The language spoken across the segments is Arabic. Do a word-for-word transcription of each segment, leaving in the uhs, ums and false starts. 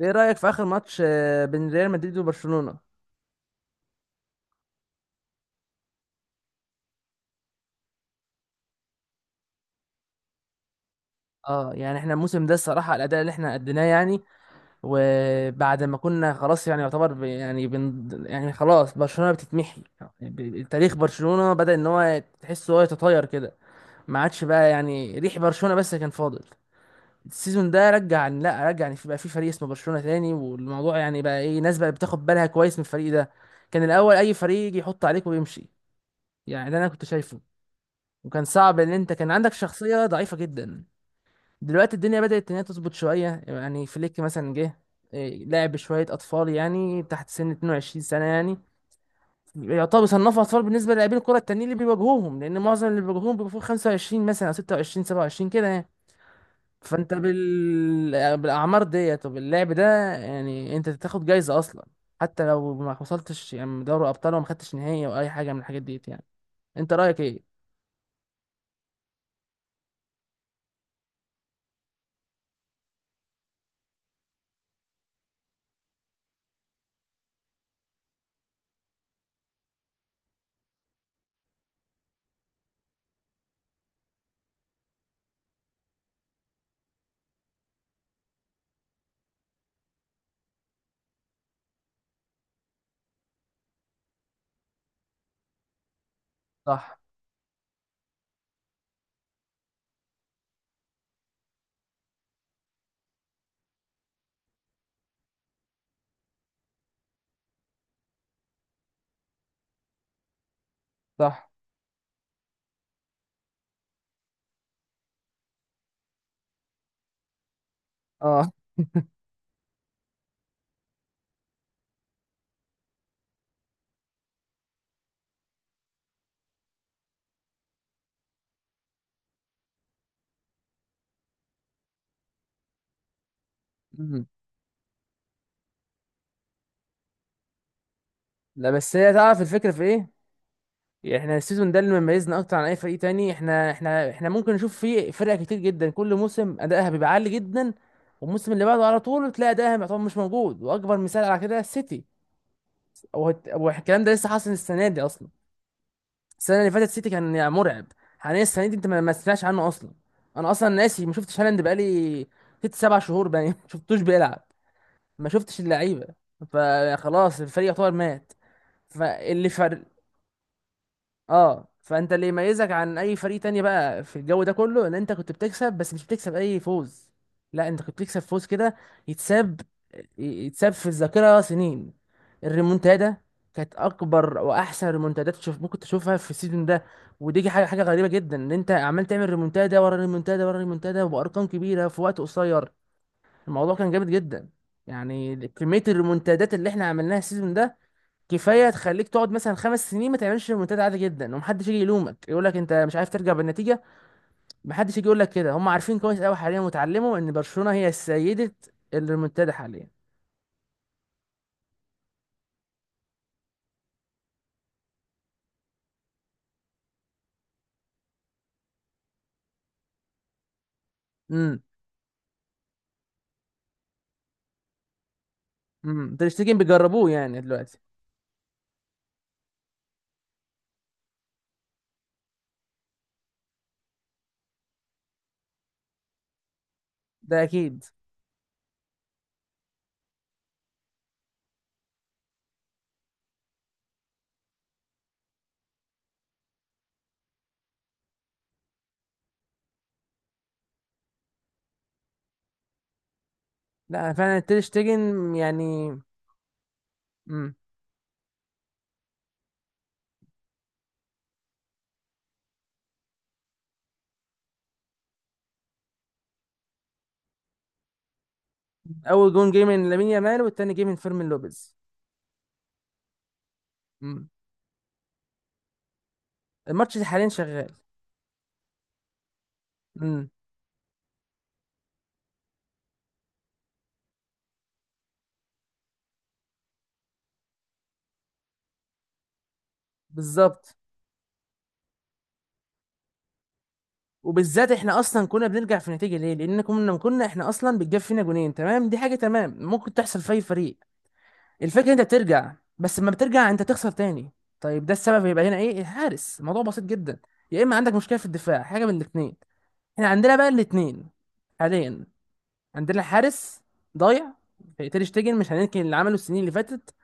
ايه رأيك في آخر ماتش آه، بين ريال مدريد وبرشلونة؟ اه، يعني احنا الموسم ده الصراحة الأداء اللي احنا أديناه يعني. وبعد ما كنا خلاص يعني يعتبر ب- يعني بن يعني خلاص برشلونة بتتمحي يعني. ب- تاريخ برشلونة بدأ إن هو تحسه هو يتطاير كده، ما عادش بقى يعني ريح برشلونة، بس كان فاضل. السيزون ده رجع، لا رجع يعني، في- بقى في فريق اسمه برشلونة تاني، والموضوع يعني بقى ايه، ناس بقى بتاخد بالها كويس من الفريق ده. كان الأول أي فريق يجي يحط عليك ويمشي، يعني ده أنا كنت شايفه. وكان صعب ان انت كان عندك شخصية ضعيفة جدا. دلوقتي الدنيا بدأت ان هي تظبط شوية، يعني فليك مثلا جه إيه، لعب شوية أطفال يعني تحت سن اتنين وعشرين سنة يعني. يعتبر صنفوا أطفال بالنسبة للاعبين الكرة التانيين اللي بيواجهوهم، لأن معظم اللي بيواجهوهم بيبقوا فوق خمسة وعشرين مثلا، أو ستة وعشرين سبعة وعشرين كده يعني. فأنت بال... بالأعمار ديت وباللعب ده يعني أنت تاخد جايزة أصلا، حتى لو ما وصلتش يعني دوري أبطال وما خدتش نهائي أو أي حاجة من الحاجات ديت يعني. أنت رأيك إيه؟ صح. صح. أه. لا، بس هي تعرف الفكرة في ايه؟ يعني احنا السيزون ده اللي مميزنا اكتر عن اي فريق تاني، احنا احنا احنا ممكن نشوف فيه فرق كتير جدا كل موسم ادائها بيبقى عالي جدا، والموسم اللي بعده على طول تلاقي ادائها يعتبر مش موجود. واكبر مثال على كده السيتي. وهت- والكلام ده لسه حاصل السنة دي اصلا. السنة اللي فاتت السيتي كان يعني مرعب، حاليا السنة دي انت ما ما سمعتش عنه اصلا. انا اصلا ناسي، ما شفتش هالاند بقالي ست سبع شهور باين. ما شفتوش بيلعب، ما شفتش اللعيبة، فخلاص الفريق يعتبر مات. فاللي فرق. اه، فانت اللي يميزك عن اي فريق تاني بقى في الجو ده كله، ان انت كنت بتكسب، بس مش بتكسب اي فوز. لا، انت كنت بتكسب فوز كده يتساب، يتساب في الذاكره سنين. الريمونتادا كانت اكبر واحسن ريمونتادات تشوف، ممكن تشوفها في السيزون ده. ودي حاجه حاجه غريبه جدا، ان انت عمال تعمل ريمونتادا ورا ريمونتادا ورا ريمونتادا، وبارقام كبيره في وقت قصير. الموضوع كان جامد جدا. يعني كميه الريمونتادات اللي احنا عملناها السيزون ده كفايه تخليك تقعد مثلا خمس سنين ما تعملش ريمونتادا عادي جدا، ومحدش يجي يلومك يقول لك انت مش عارف ترجع بالنتيجه. محدش يجي يقول لك كده، هم عارفين كويس قوي حاليا وتعلموا ان برشلونه هي سيده الريمونتادا حاليا. امم امم تير شتيجن بيجربوه يعني دلوقتي. ده اكيد. لا فعلا تير شتيجن يعني. امم اول جون جه من لامين يامال، والتاني جه من فيرمين لوبيز. امم الماتش ده حاليا شغال. امم بالظبط. وبالذات احنا اصلا كنا بنرجع في نتيجه ليه، لان كنا كنا احنا اصلا بتجاب فينا جونين، تمام. دي حاجه تمام ممكن تحصل في اي فريق. الفكره انت بترجع، بس لما بترجع انت تخسر تاني. طيب، ده السبب هيبقى هنا ايه الحارس. الموضوع بسيط جدا، يا اما عندك مشكله في الدفاع، حاجه من الاثنين. احنا عندنا بقى الاثنين حاليا. عندنا حارس ضايع. تير شتيجن مش هننكر اللي عمله السنين اللي فاتت،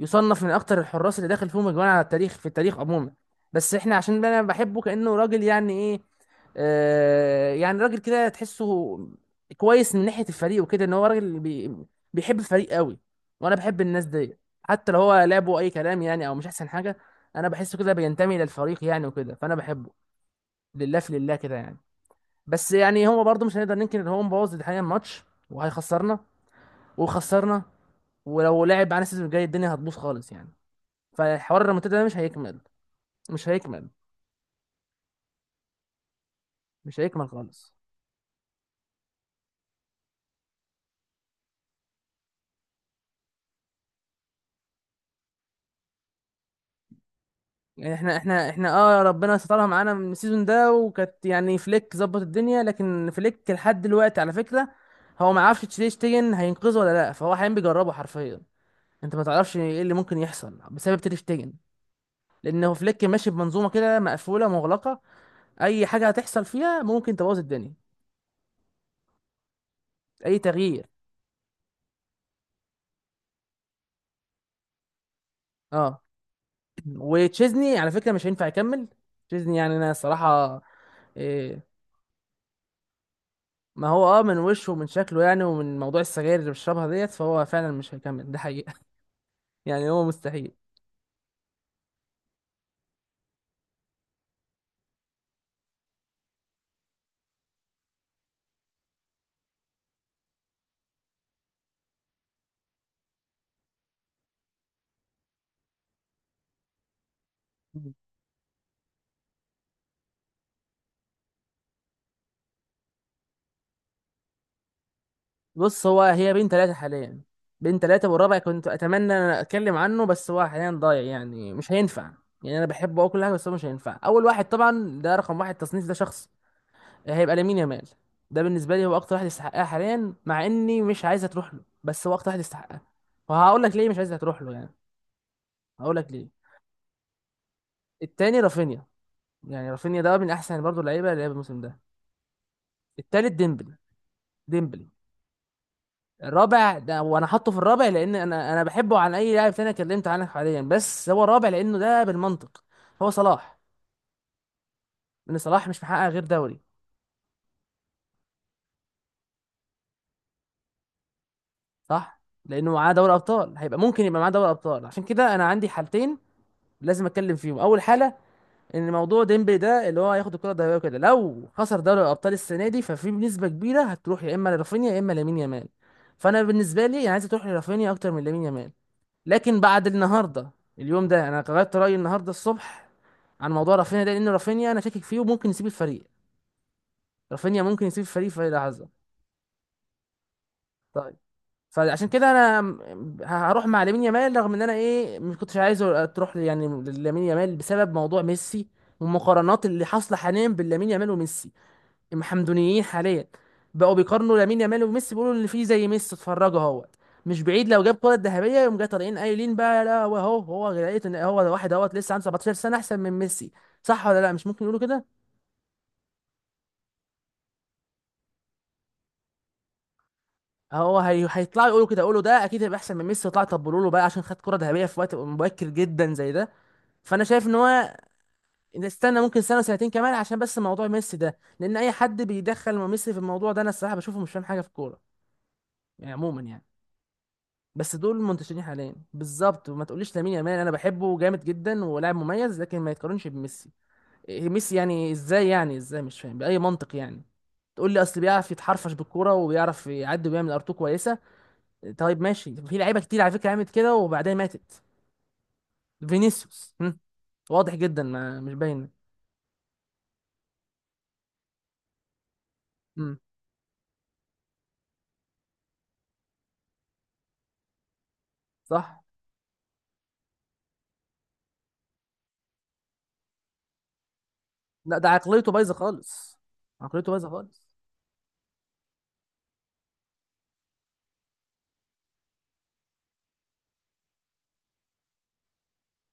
يصنف من اكتر الحراس اللي داخل فيهم اجوان على التاريخ، في التاريخ عموما. بس احنا عشان انا بحبه كانه راجل يعني ايه، آه، يعني راجل كده تحسه كويس من ناحية الفريق وكده، ان هو راجل بي... بيحب الفريق قوي، وانا بحب الناس دي حتى لو هو لعبه اي كلام يعني، او مش احسن حاجة. انا بحسه كده بينتمي للفريق يعني وكده، فانا بحبه لله في لله كده يعني. بس يعني هو برضه مش هنقدر ننكر ان هو مبوظ الحقيقة الماتش وهيخسرنا وخسرنا، ولو لعب معانا السيزون الجاي الدنيا هتبوظ خالص يعني. فالحوار الريمونتادا ده مش هيكمل، مش هيكمل، مش هيكمل خالص. يعني احنا احنا احنا اه ربنا سترها معانا من السيزون ده، وكانت يعني فليك ظبط الدنيا. لكن فليك لحد دلوقتي على فكره هو ما عرفش تير شتيجن هينقذه ولا لا، فهو حاليا بيجربه حرفيا. انت ما تعرفش ايه اللي ممكن يحصل بسبب تير شتيجن، لان هو فليك ماشي بمنظومه كده مقفوله مغلقه، اي حاجه هتحصل فيها ممكن تبوظ الدنيا. اي تغيير. اه. وتشيزني على فكره مش هينفع يكمل. تشيزني يعني انا الصراحه، آه، ما هو اه من وشه ومن شكله يعني، ومن موضوع السجاير اللي بيشربها ديت، فهو فعلا مش هيكمل، ده حقيقة. يعني هو مستحيل. بص، هو هي بين ثلاثة حاليا. بين ثلاثة والرابع كنت أتمنى إن أنا أتكلم عنه، بس هو حاليا ضايع يعني مش هينفع. يعني أنا بحبه أه كل حاجة، بس هو مش هينفع. أول واحد طبعا، ده رقم واحد تصنيف، ده شخص هيبقى لامين يامال. ده بالنسبة لي هو أكتر واحد يستحقها حاليا، مع إني مش عايزها تروح له، بس هو أكتر واحد يستحقها. وهقول لك ليه مش عايزها تروح له يعني، هقول لك ليه. التاني رافينيا، يعني رافينيا ده من أحسن برضه اللعيبة اللي لعب الموسم ده. التالت ديمبلي. ديمبلي. الرابع ده، وانا حاطه في الرابع لان انا انا بحبه عن اي لاعب تاني اتكلمت عنه حاليا، بس هو الرابع لانه ده بالمنطق هو صلاح، لان صلاح مش محقق غير دوري. صح، لانه معاه دوري ابطال، هيبقى ممكن يبقى معاه دوري ابطال. عشان كده انا عندي حالتين لازم اتكلم فيهم. اول حاله، ان موضوع ديمبلي ده اللي هو هياخد الكره الذهبيه وكده، لو خسر دوري الابطال السنه دي، ففي بنسبه كبيره هتروح يا اما لرافينيا، يا اما لامين يامال. فانا بالنسبه لي انا عايز تروح لرافينيا اكتر من لامين يامال، لكن بعد النهارده، اليوم ده، انا غيرت رايي النهارده الصبح عن موضوع رافينيا ده، لان رافينيا انا شاكك فيه وممكن يسيب الفريق. رافينيا ممكن يسيب الفريق في اي لحظه. طيب. فعشان كده انا م- هروح مع لامين يامال، رغم ان انا ايه ما كنتش عايزه تروح لي- يعني لامين يامال بسبب موضوع ميسي، والمقارنات اللي حاصله حاليا بين لامين يامال وميسي. المحمدونيين حاليا بقوا بيقارنوا لامين يامال وميسي، بيقولوا اللي فيه زي ميسي، اتفرجوا اهوت. مش بعيد لو جاب كرة ذهبية يقوم جاي طالعين قايلين بقى، لا، هو هو هو لقيت ان هو ده واحد اهوت لسه عنده سبعة عشر سنة احسن من ميسي. صح ولا لا؟ مش ممكن يقولوا كده؟ هو هي... هيطلعوا يقولوا كده، يقولوا ده اكيد هيبقى احسن من ميسي، طلع طبلوا له بقى عشان خد كرة ذهبية في وقت مبكر جدا زي ده. فانا شايف ان هو نستنى ممكن سنة وسنتين كمان، عشان بس موضوع ميسي ده، لان اي حد بيدخل ميسي في الموضوع ده انا الصراحة بشوفه مش فاهم حاجة في الكورة يعني، عموما يعني. بس دول المنتشرين حاليا بالظبط. وما تقوليش لامين يامال، انا بحبه جامد جدا ولاعب مميز، لكن ما يتقارنش بميسي. إيه ميسي، يعني ازاي يعني، ازاي مش فاهم، باي منطق يعني؟ تقول لي اصل بيعرف يتحرفش بالكوره وبيعرف يعدي ويعمل ارتو كويسه. طيب ماشي، في لعيبه كتير على فكره عملت كده وبعدين ماتت. فينيسيوس هم، واضح جدا، ما مش باين. هم، صح. لا، ده عقليته بايظه خالص. عقليته بايظه خالص.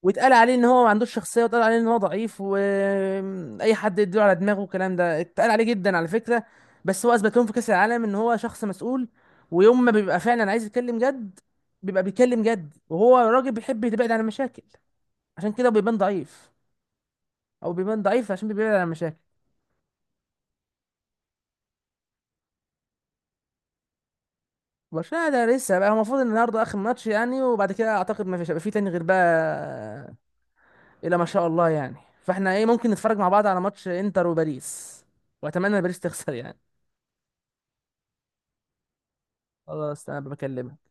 واتقال عليه ان هو ما عندوش شخصيه، واتقال عليه ان هو ضعيف، واي حد يدور على دماغه، والكلام ده اتقال عليه جدا على فكره. بس هو اثبت لهم في كاس العالم ان هو شخص مسؤول، ويوم ما بيبقى فعلا عايز يتكلم جد بيبقى بيتكلم جد. وهو راجل بيحب يبعد عن المشاكل، عشان كده بيبان ضعيف. او بيبان ضعيف عشان بيبعد عن المشاكل. برشلونه ده لسه بقى، هو المفروض ان النهارده اخر ماتش يعني، وبعد كده اعتقد ما فيش هيبقى في تاني غير بقى، الا ما شاء الله يعني. فاحنا ايه، ممكن نتفرج مع بعض على ماتش انتر وباريس، واتمنى باريس تخسر يعني. خلاص، انا بكلمك.